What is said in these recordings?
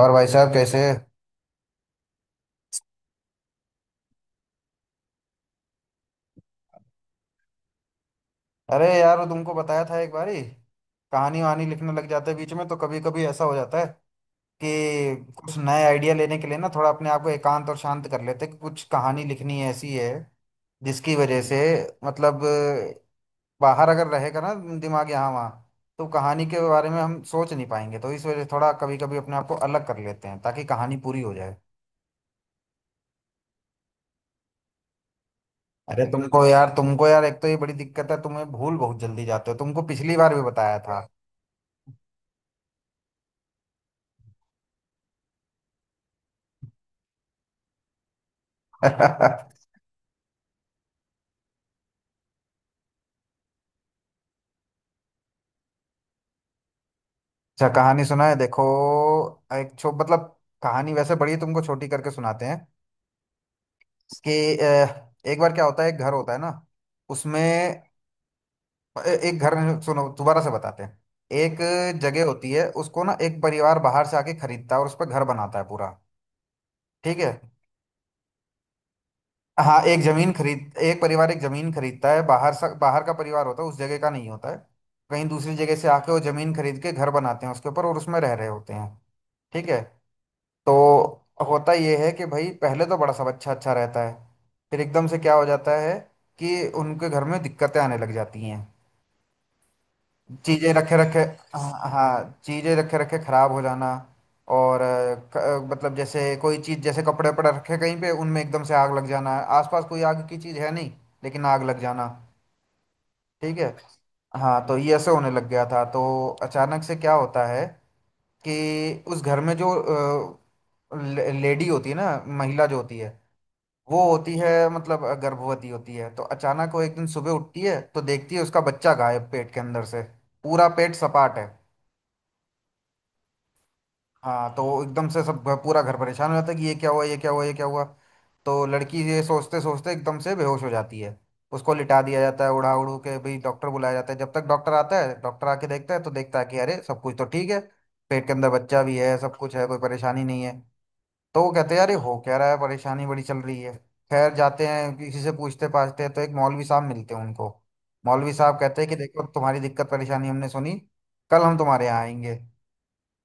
और भाई साहब कैसे। अरे यार, वो तुमको बताया था एक बारी। कहानी वहानी लिखने लग जाते हैं बीच में, तो कभी कभी ऐसा हो जाता है कि कुछ नए आइडिया लेने के लिए ना थोड़ा अपने आप को एकांत और शांत कर लेते हैं कि कुछ कहानी लिखनी ऐसी है जिसकी वजह से मतलब बाहर अगर रहेगा ना, दिमाग यहाँ वहाँ, तो कहानी के बारे में हम सोच नहीं पाएंगे, तो इस वजह से थोड़ा कभी कभी अपने आप को अलग कर लेते हैं ताकि कहानी पूरी हो जाए। अरे तुमको यार, तुमको यार एक तो ये बड़ी दिक्कत है, तुम्हें भूल बहुत जल्दी जाते हो, तुमको पिछली बार भी बताया था अच्छा कहानी सुना, है देखो, एक छो मतलब कहानी वैसे बड़ी है, तुमको छोटी करके सुनाते हैं कि एक बार क्या होता है, एक घर होता है ना, उसमें एक घर नहीं, सुनो दोबारा से बताते हैं। एक जगह होती है, उसको ना एक परिवार बाहर से आके खरीदता है और उस पर घर बनाता है पूरा। ठीक है। हाँ, एक परिवार एक जमीन खरीदता है बाहर से, बाहर का परिवार होता है, उस जगह का नहीं होता है। कहीं दूसरी जगह से आके वो जमीन खरीद के घर बनाते हैं उसके ऊपर, और उसमें रह रहे होते हैं। ठीक है। तो होता ये है कि भाई, पहले तो बड़ा सब अच्छा अच्छा रहता है, फिर एकदम से क्या हो जाता है कि उनके घर में दिक्कतें आने लग जाती हैं। चीज़ें रखे रखे, हाँ हाँ, चीज़ें रखे रखे ख़राब हो जाना, और मतलब जैसे कोई चीज़ जैसे कपड़े वपड़े रखे कहीं पे, उनमें एकदम से आग लग जाना। आसपास कोई आग की चीज़ है नहीं, लेकिन आग लग जाना। ठीक है। हाँ, तो ये ऐसे होने लग गया था। तो अचानक से क्या होता है कि उस घर में जो लेडी होती है ना, महिला जो होती है, वो होती है गर्भवती होती है। तो अचानक वो एक दिन सुबह उठती है, तो देखती है उसका बच्चा गायब पेट के अंदर से। पूरा पेट सपाट है। हाँ, तो वो एकदम से सब पूरा घर परेशान हो जाता है कि ये क्या हुआ, ये क्या हुआ, ये क्या हुआ। तो लड़की ये सोचते सोचते एकदम से बेहोश हो जाती है। उसको लिटा दिया जाता है उड़ा उड़ू के भाई, डॉक्टर बुलाया जाता है। जब तक डॉक्टर आता है, डॉक्टर आके देखता है तो देखता है कि अरे सब कुछ तो ठीक है। पेट के अंदर बच्चा भी है, सब कुछ है, कोई परेशानी नहीं है। तो वो कहते हैं यार, ये हो क्या रहा है, परेशानी बड़ी चल रही है। खैर जाते हैं, किसी से पूछते पाछते हैं तो एक मौलवी साहब मिलते हैं उनको। मौलवी साहब कहते हैं कि देखो, तुम्हारी दिक्कत परेशानी हमने सुनी, कल हम तुम्हारे यहाँ आएंगे।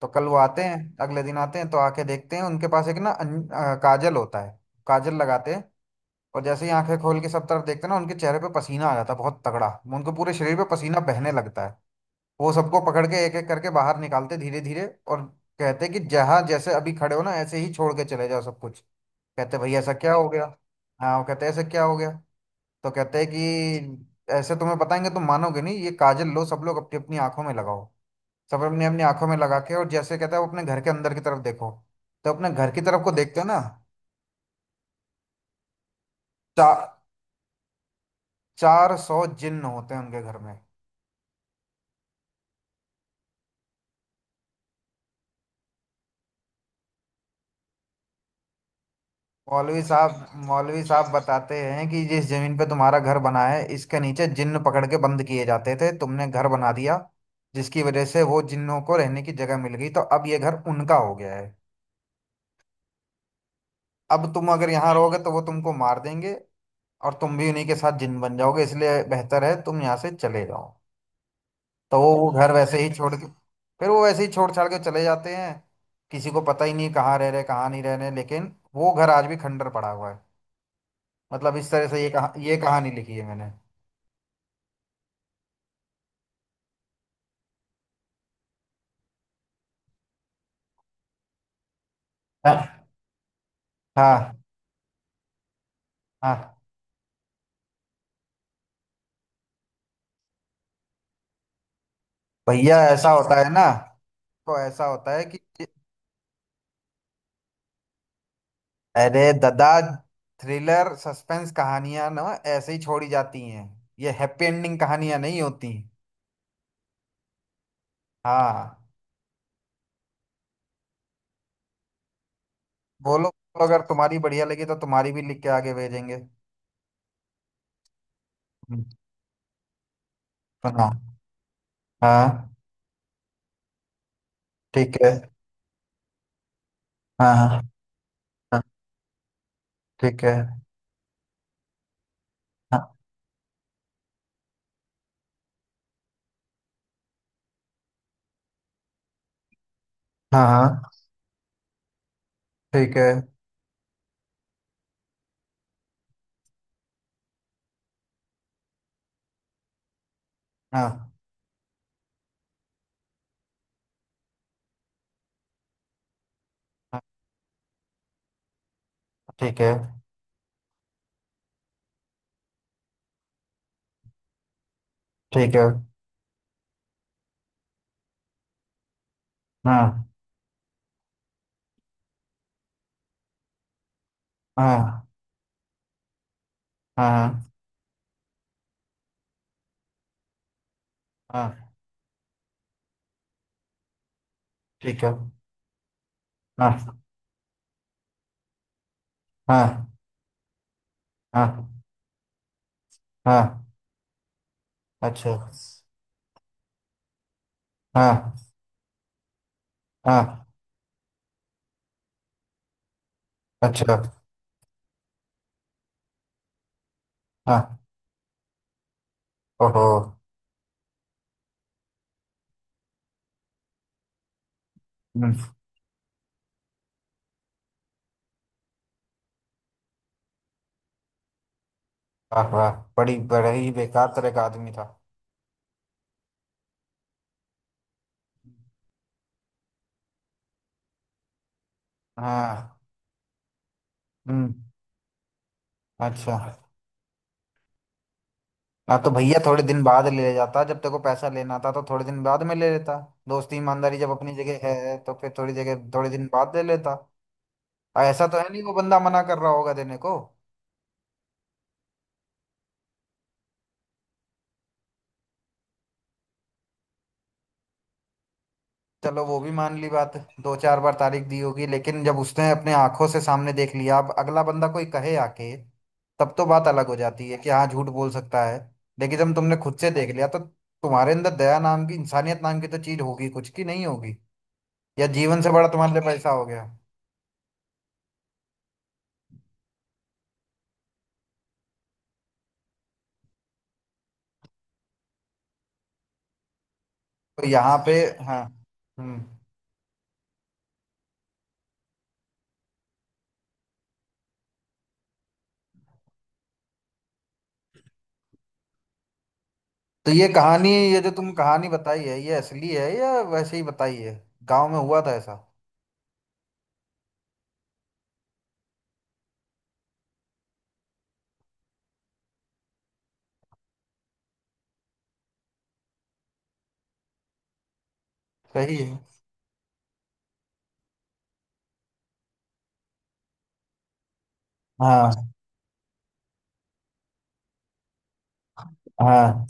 तो कल वो आते हैं, अगले दिन आते हैं तो आके देखते हैं, उनके पास एक ना काजल होता है। काजल लगाते हैं, और जैसे ही आंखें खोल के सब तरफ देखते हैं ना, उनके चेहरे पे पसीना आ जाता है बहुत तगड़ा। उनको पूरे शरीर पे पसीना बहने लगता है। वो सबको पकड़ के एक एक करके बाहर निकालते धीरे धीरे, और कहते कि जहां जैसे अभी खड़े हो ना, ऐसे ही छोड़ के चले जाओ सब कुछ। कहते भाई ऐसा क्या हो गया। हाँ वो कहते ऐसे क्या हो गया। तो कहते हैं कि ऐसे तुम्हें बताएंगे तुम मानोगे नहीं, ये काजल लो, सब लोग अपनी अपनी आंखों में लगाओ। सब अपनी अपनी आंखों में लगा के, और जैसे कहता है वो, अपने घर के अंदर की तरफ देखो। तो अपने घर की तरफ को देखते हो ना, चा, चार सौ जिन्न होते हैं उनके घर में। मौलवी साहब, मौलवी साहब बताते हैं कि जिस जमीन पे तुम्हारा घर बना है, इसके नीचे जिन्न पकड़ के बंद किए जाते थे, तुमने घर बना दिया, जिसकी वजह से वो जिन्नों को रहने की जगह मिल गई, तो अब ये घर उनका हो गया है। अब तुम अगर यहाँ रहोगे तो वो तुमको मार देंगे, और तुम भी उन्हीं के साथ जिन बन जाओगे, इसलिए बेहतर है तुम यहाँ से चले जाओ। तो वो घर वैसे ही छोड़ के, फिर वो वैसे ही छोड़ छाड़ के चले जाते हैं। किसी को पता ही नहीं कहाँ रह रहे, कहाँ नहीं रह रहे, लेकिन वो घर आज भी खंडर पड़ा हुआ है। मतलब इस तरह से ये कहा, ये कहानी लिखी है मैंने। हाँ। हाँ। हाँ। भैया ऐसा होता है ना, तो ऐसा होता है कि अरे दादा, थ्रिलर सस्पेंस कहानियां ना ऐसे ही छोड़ी जाती हैं, ये हैप्पी एंडिंग कहानियां नहीं होती। हाँ, बोलो, अगर तुम्हारी बढ़िया लगी तो तुम्हारी भी लिख के आगे भेजेंगे। हम्म, सुनाओ। हाँ। ठीक है। हाँ, हाँ। हाँ, ठीक है। हाँ, हाँ। हाँ, ठीक है। हाँ, हाँ, ठीक है। ठीक है। हाँ, हाँ। हाँ, हाँ। हाँ, ठीक है। हाँ, हाँ। हाँ, हाँ। अच्छा। हाँ, हाँ। अच्छा। हाँ। ओहो। हम्म, वाह वाह, बड़ी बड़ा ही बेकार तरह का आदमी था। हाँ। हम्म। अच्छा। हाँ तो भैया, थोड़े दिन बाद ले जाता, जब तेरे को पैसा लेना था तो थोड़े दिन बाद में ले लेता। दोस्ती ईमानदारी जब अपनी जगह है तो फिर थोड़ी जगह, थोड़े दिन बाद ले लेता। ऐसा तो है नहीं वो बंदा मना कर रहा होगा देने को। चलो वो भी मान ली बात। दो चार बार तारीख दी होगी, लेकिन जब उसने अपने आंखों से सामने देख लिया, अब अगला बंदा कोई कहे आके, तब तो बात अलग हो जाती है कि हाँ झूठ बोल सकता है। लेकिन जब तुमने खुद से देख लिया, तो तुम्हारे अंदर दया नाम की, इंसानियत नाम की तो चीज होगी कुछ, की नहीं होगी। या जीवन से बड़ा तुम्हारे लिए पैसा हो गया। तो यहाँ पे, हाँ, हम्म, तो ये कहानी, ये जो तुम कहानी बताई है, ये असली है या वैसे ही बताई है। गांव में हुआ था ऐसा। सही है। हाँ, हाँ।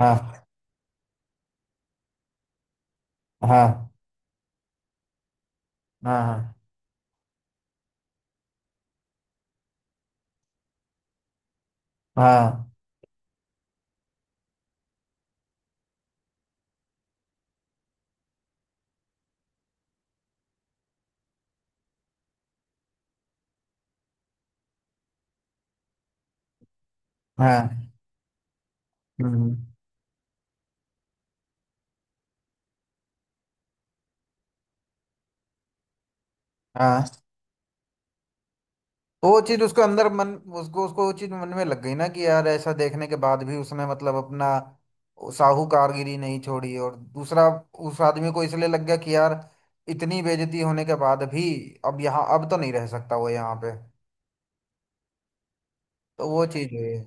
हाँ, हाँ। हाँ, हाँ। हाँ, हाँ। हम्म। हाँ, तो वो चीज उसको अंदर मन, उसको उसको वो चीज मन में लग गई ना कि यार ऐसा देखने के बाद भी उसने मतलब अपना साहूकारगिरी नहीं छोड़ी। और दूसरा, उस आदमी को इसलिए लग गया कि यार, इतनी बेइज्जती होने के बाद भी, अब यहाँ अब तो नहीं रह सकता वो यहाँ पे, तो वो चीज हुई है।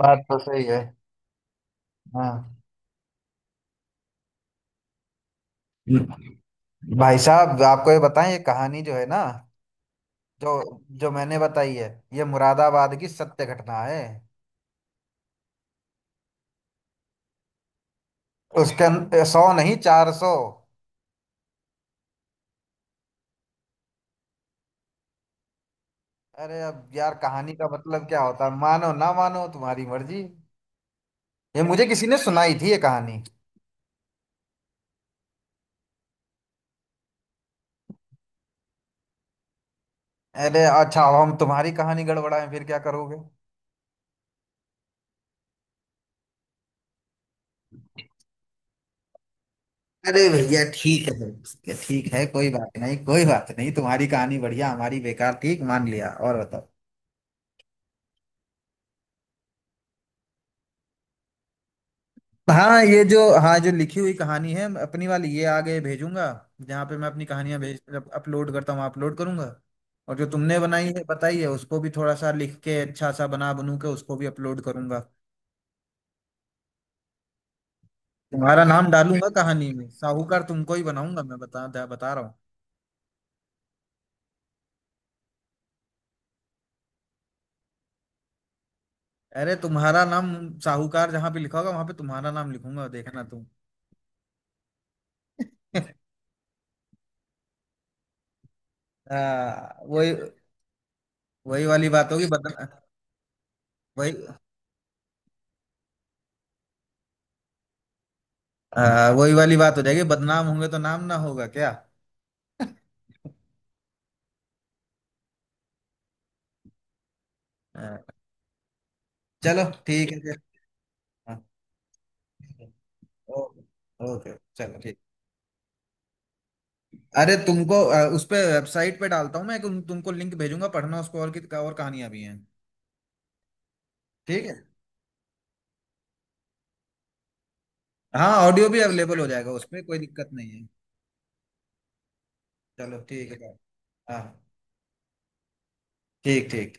बात तो सही है। हाँ, भाई साहब आपको ये बताएं, ये कहानी जो है ना, जो जो मैंने बताई है, ये मुरादाबाद की सत्य घटना है। सौ नहीं, चार सौ। अरे अब यार कहानी का मतलब क्या होता है, मानो ना मानो तुम्हारी मर्जी। ये मुझे किसी ने सुनाई थी ये कहानी। अरे अच्छा, अब हम तुम्हारी कहानी गड़बड़ाएं फिर क्या करोगे। अरे भैया ठीक है, ठीक है, कोई बात नहीं, कोई बात नहीं। तुम्हारी कहानी बढ़िया, हमारी बेकार, ठीक मान लिया। और बताओ। हाँ ये जो, हाँ जो लिखी हुई कहानी है, मैं अपनी वाली ये आगे भेजूंगा, जहाँ पे मैं अपनी कहानियां भेज, अपलोड करता हूँ, अपलोड करूंगा। और जो तुमने बनाई है बताई है उसको भी थोड़ा सा लिख के अच्छा सा बना बनू के उसको भी अपलोड करूंगा। तुम्हारा नाम डालूंगा कहानी में, साहूकार तुमको ही बनाऊंगा मैं, बता बता रहा हूँ। अरे तुम्हारा नाम, साहूकार जहाँ पे लिखा होगा वहां पे तुम्हारा नाम लिखूंगा, देखना तुम हाँ, वही, वही वाली बात होगी बदना वही, हाँ, वही वाली बात हो जाएगी, बदनाम होंगे तो नाम ना होगा क्या। हाँ, चलो ठीक है फिर। हाँ। ओके, ओके, चलो ठीक। अरे तुमको उस पे वेबसाइट पे डालता हूँ मैं, तुमको लिंक भेजूंगा, पढ़ना उसको, और की और कहानियां भी हैं। ठीक है। हाँ ऑडियो भी अवेलेबल हो जाएगा, उसमें कोई दिक्कत नहीं है। चलो ठीक है। हाँ। ठीक ठीक।